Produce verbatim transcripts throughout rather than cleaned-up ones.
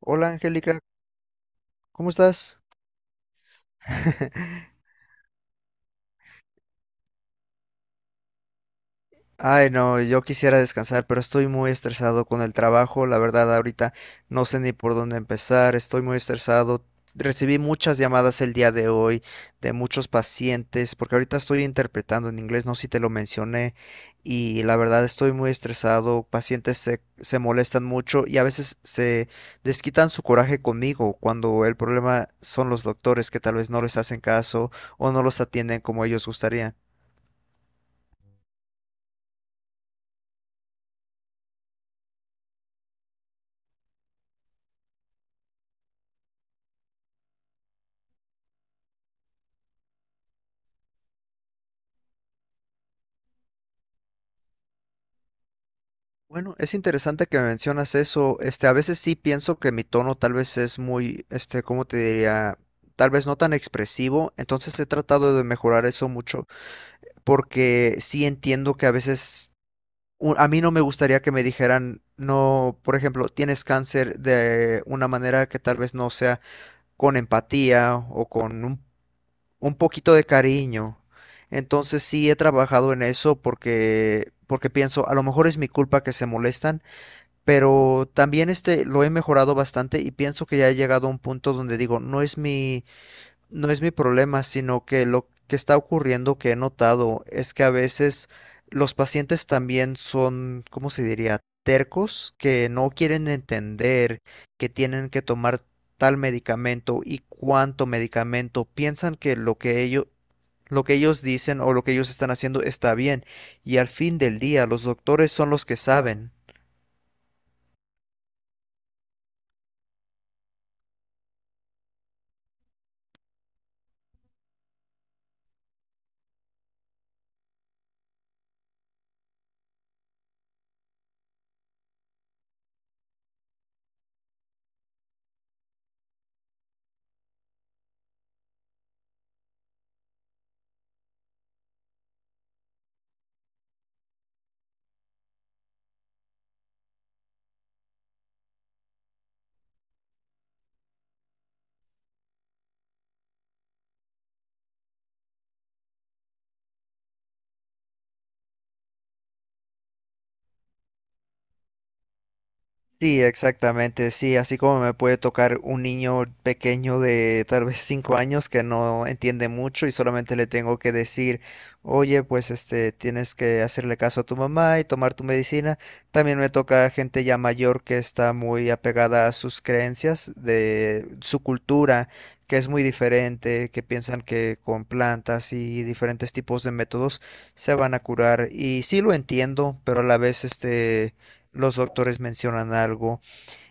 Hola Angélica, ¿cómo estás? Ay, no, yo quisiera descansar, pero estoy muy estresado con el trabajo. La verdad, ahorita no sé ni por dónde empezar. Estoy muy estresado. Recibí muchas llamadas el día de hoy de muchos pacientes, porque ahorita estoy interpretando en inglés, no sé si te lo mencioné, y la verdad estoy muy estresado. Pacientes se, se molestan mucho y a veces se desquitan su coraje conmigo cuando el problema son los doctores que tal vez no les hacen caso o no los atienden como ellos gustarían. Bueno, es interesante que mencionas eso. Este, a veces sí pienso que mi tono tal vez es muy, este, ¿cómo te diría? Tal vez no tan expresivo. Entonces he tratado de mejorar eso mucho porque sí entiendo que a veces u- a mí no me gustaría que me dijeran, no, por ejemplo, tienes cáncer de una manera que tal vez no sea con empatía o con un, un poquito de cariño. Entonces sí he trabajado en eso porque porque pienso, a lo mejor es mi culpa que se molestan, pero también este lo he mejorado bastante y pienso que ya he llegado a un punto donde digo, no es mi, no es mi problema, sino que lo que está ocurriendo que he notado es que a veces los pacientes también son, ¿cómo se diría? Tercos, que no quieren entender que tienen que tomar tal medicamento y cuánto medicamento. Piensan que lo que ellos lo que ellos dicen o lo que ellos están haciendo está bien, y al fin del día los doctores son los que saben. Sí, exactamente, sí, así como me puede tocar un niño pequeño de tal vez cinco años que no entiende mucho, y solamente le tengo que decir, oye, pues este, tienes que hacerle caso a tu mamá y tomar tu medicina. También me toca gente ya mayor que está muy apegada a sus creencias, de su cultura, que es muy diferente, que piensan que con plantas y diferentes tipos de métodos se van a curar. Y sí lo entiendo, pero a la vez este los doctores mencionan algo.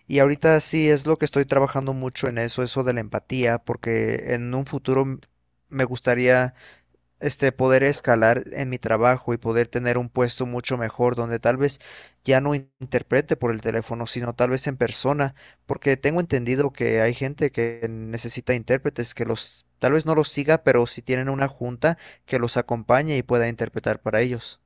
Y ahorita sí es lo que estoy trabajando mucho en eso, eso de la empatía, porque en un futuro m- me gustaría este poder escalar en mi trabajo y poder tener un puesto mucho mejor donde tal vez ya no in- interprete por el teléfono, sino tal vez en persona, porque tengo entendido que hay gente que necesita intérpretes, que los tal vez no los siga, pero si tienen una junta que los acompañe y pueda interpretar para ellos.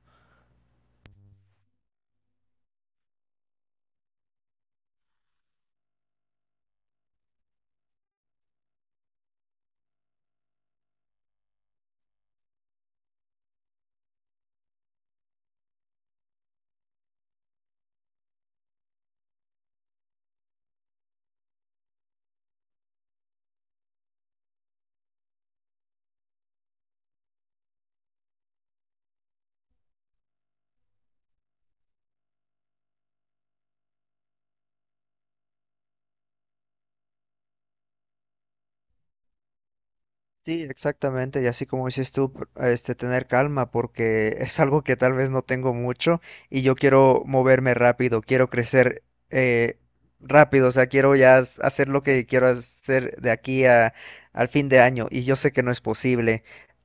Sí, exactamente, y así como dices tú, pr- este, tener calma, porque es algo que tal vez no tengo mucho, y yo quiero moverme rápido, quiero crecer eh, rápido, o sea, quiero ya s- hacer lo que quiero hacer de aquí a, al fin de año, y yo sé que no es posible,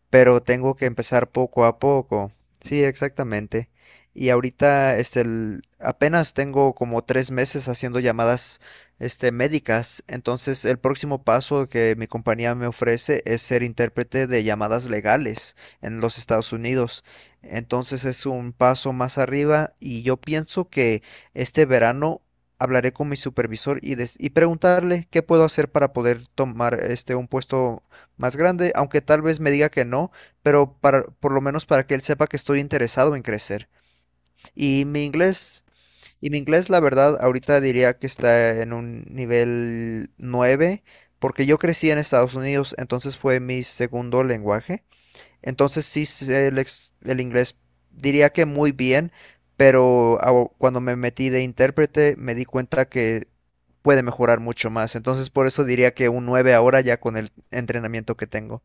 pero tengo que empezar poco a poco. Sí, exactamente. Y ahorita, este, el- apenas tengo como tres meses haciendo llamadas este, médicas. Entonces, el próximo paso que mi compañía me ofrece es ser intérprete de llamadas legales en los Estados Unidos. Entonces, es un paso más arriba, y yo pienso que este verano hablaré con mi supervisor y, des- y preguntarle qué puedo hacer para poder tomar este un puesto más grande, aunque tal vez me diga que no, pero para, por lo menos, para que él sepa que estoy interesado en crecer. Y mi inglés y mi inglés, la verdad, ahorita diría que está en un nivel nueve, porque yo crecí en Estados Unidos, entonces fue mi segundo lenguaje. Entonces sí sé el, ex- el inglés, diría que muy bien, pero au- cuando me metí de intérprete me di cuenta que puede mejorar mucho más. Entonces por eso diría que un nueve ahora, ya con el entrenamiento que tengo.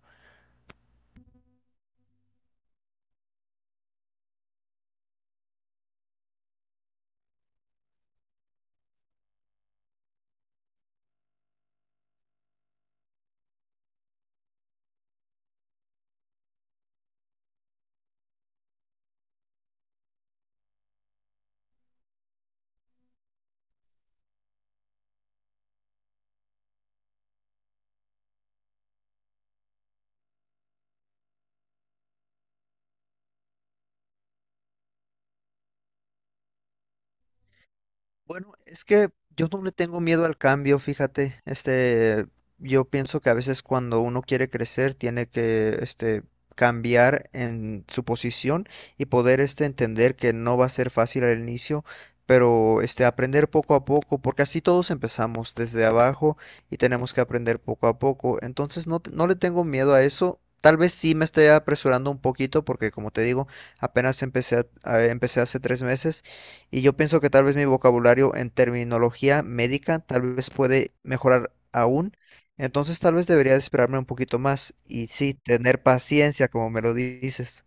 Bueno, es que yo no le tengo miedo al cambio, fíjate. Este, yo pienso que a veces cuando uno quiere crecer tiene que, este, cambiar en su posición y poder, este, entender que no va a ser fácil al inicio, pero, este, aprender poco a poco, porque así todos empezamos desde abajo y tenemos que aprender poco a poco. Entonces, no, te- no le tengo miedo a eso. Tal vez sí me esté apresurando un poquito porque, como te digo, apenas empecé a- a- empecé hace tres meses, y yo pienso que tal vez mi vocabulario en terminología médica tal vez puede mejorar aún. Entonces tal vez debería de esperarme un poquito más y sí, tener paciencia, como me lo dices.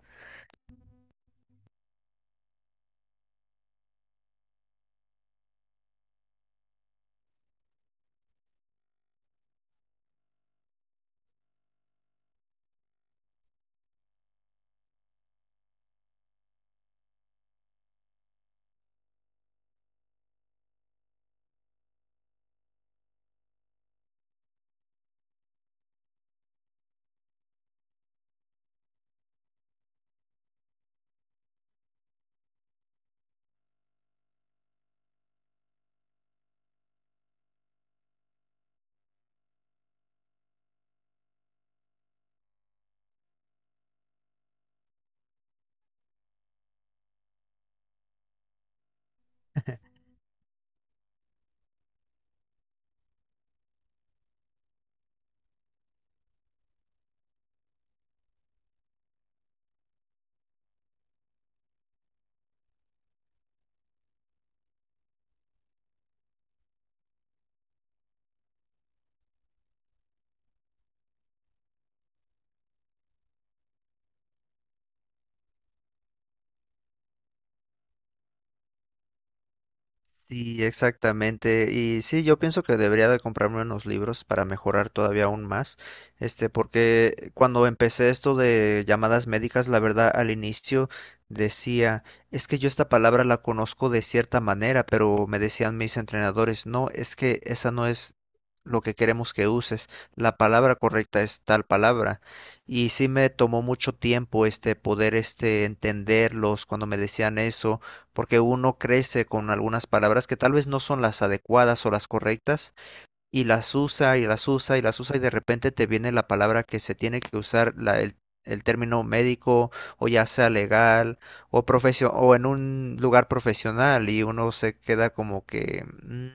Sí, exactamente. Y sí, yo pienso que debería de comprarme unos libros para mejorar todavía aún más. Este, porque cuando empecé esto de llamadas médicas, la verdad, al inicio decía, es que yo esta palabra la conozco de cierta manera, pero me decían mis entrenadores, no, es que esa no es lo que queremos que uses. La palabra correcta es tal palabra. Y sí me tomó mucho tiempo este poder este entenderlos cuando me decían eso, porque uno crece con algunas palabras que tal vez no son las adecuadas o las correctas, y las usa y las usa y las usa, y de repente te viene la palabra que se tiene que usar, la, el, el término médico o ya sea legal o profesio- o en un lugar profesional, y uno se queda como que "Mm,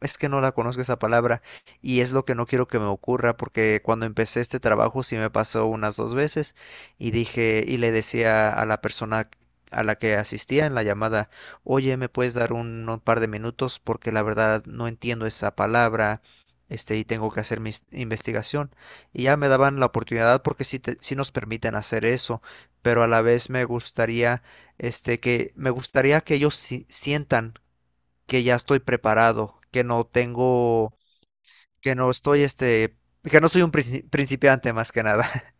es que no la conozco esa palabra", y es lo que no quiero que me ocurra, porque cuando empecé este trabajo sí me pasó unas dos veces, y dije, y le decía a la persona a la que asistía en la llamada, oye, ¿me puedes dar un un par de minutos? Porque la verdad no entiendo esa palabra este, y tengo que hacer mi investigación. Y ya me daban la oportunidad, porque sí, te- sí nos permiten hacer eso, pero a la vez me gustaría, este, que, me gustaría que ellos si- sientan que ya estoy preparado, que no tengo, que no estoy, este, que no soy un princi- principiante, más que nada.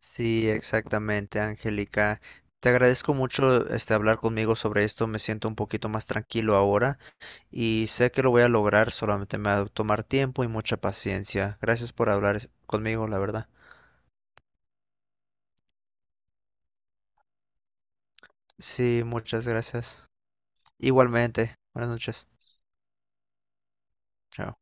Sí, exactamente, Angélica. Te agradezco mucho, este, hablar conmigo sobre esto, me siento un poquito más tranquilo ahora, y sé que lo voy a lograr, solamente me va a tomar tiempo y mucha paciencia. Gracias por hablar es- conmigo, la verdad. Sí, muchas gracias. Igualmente. Buenas noches. Chao.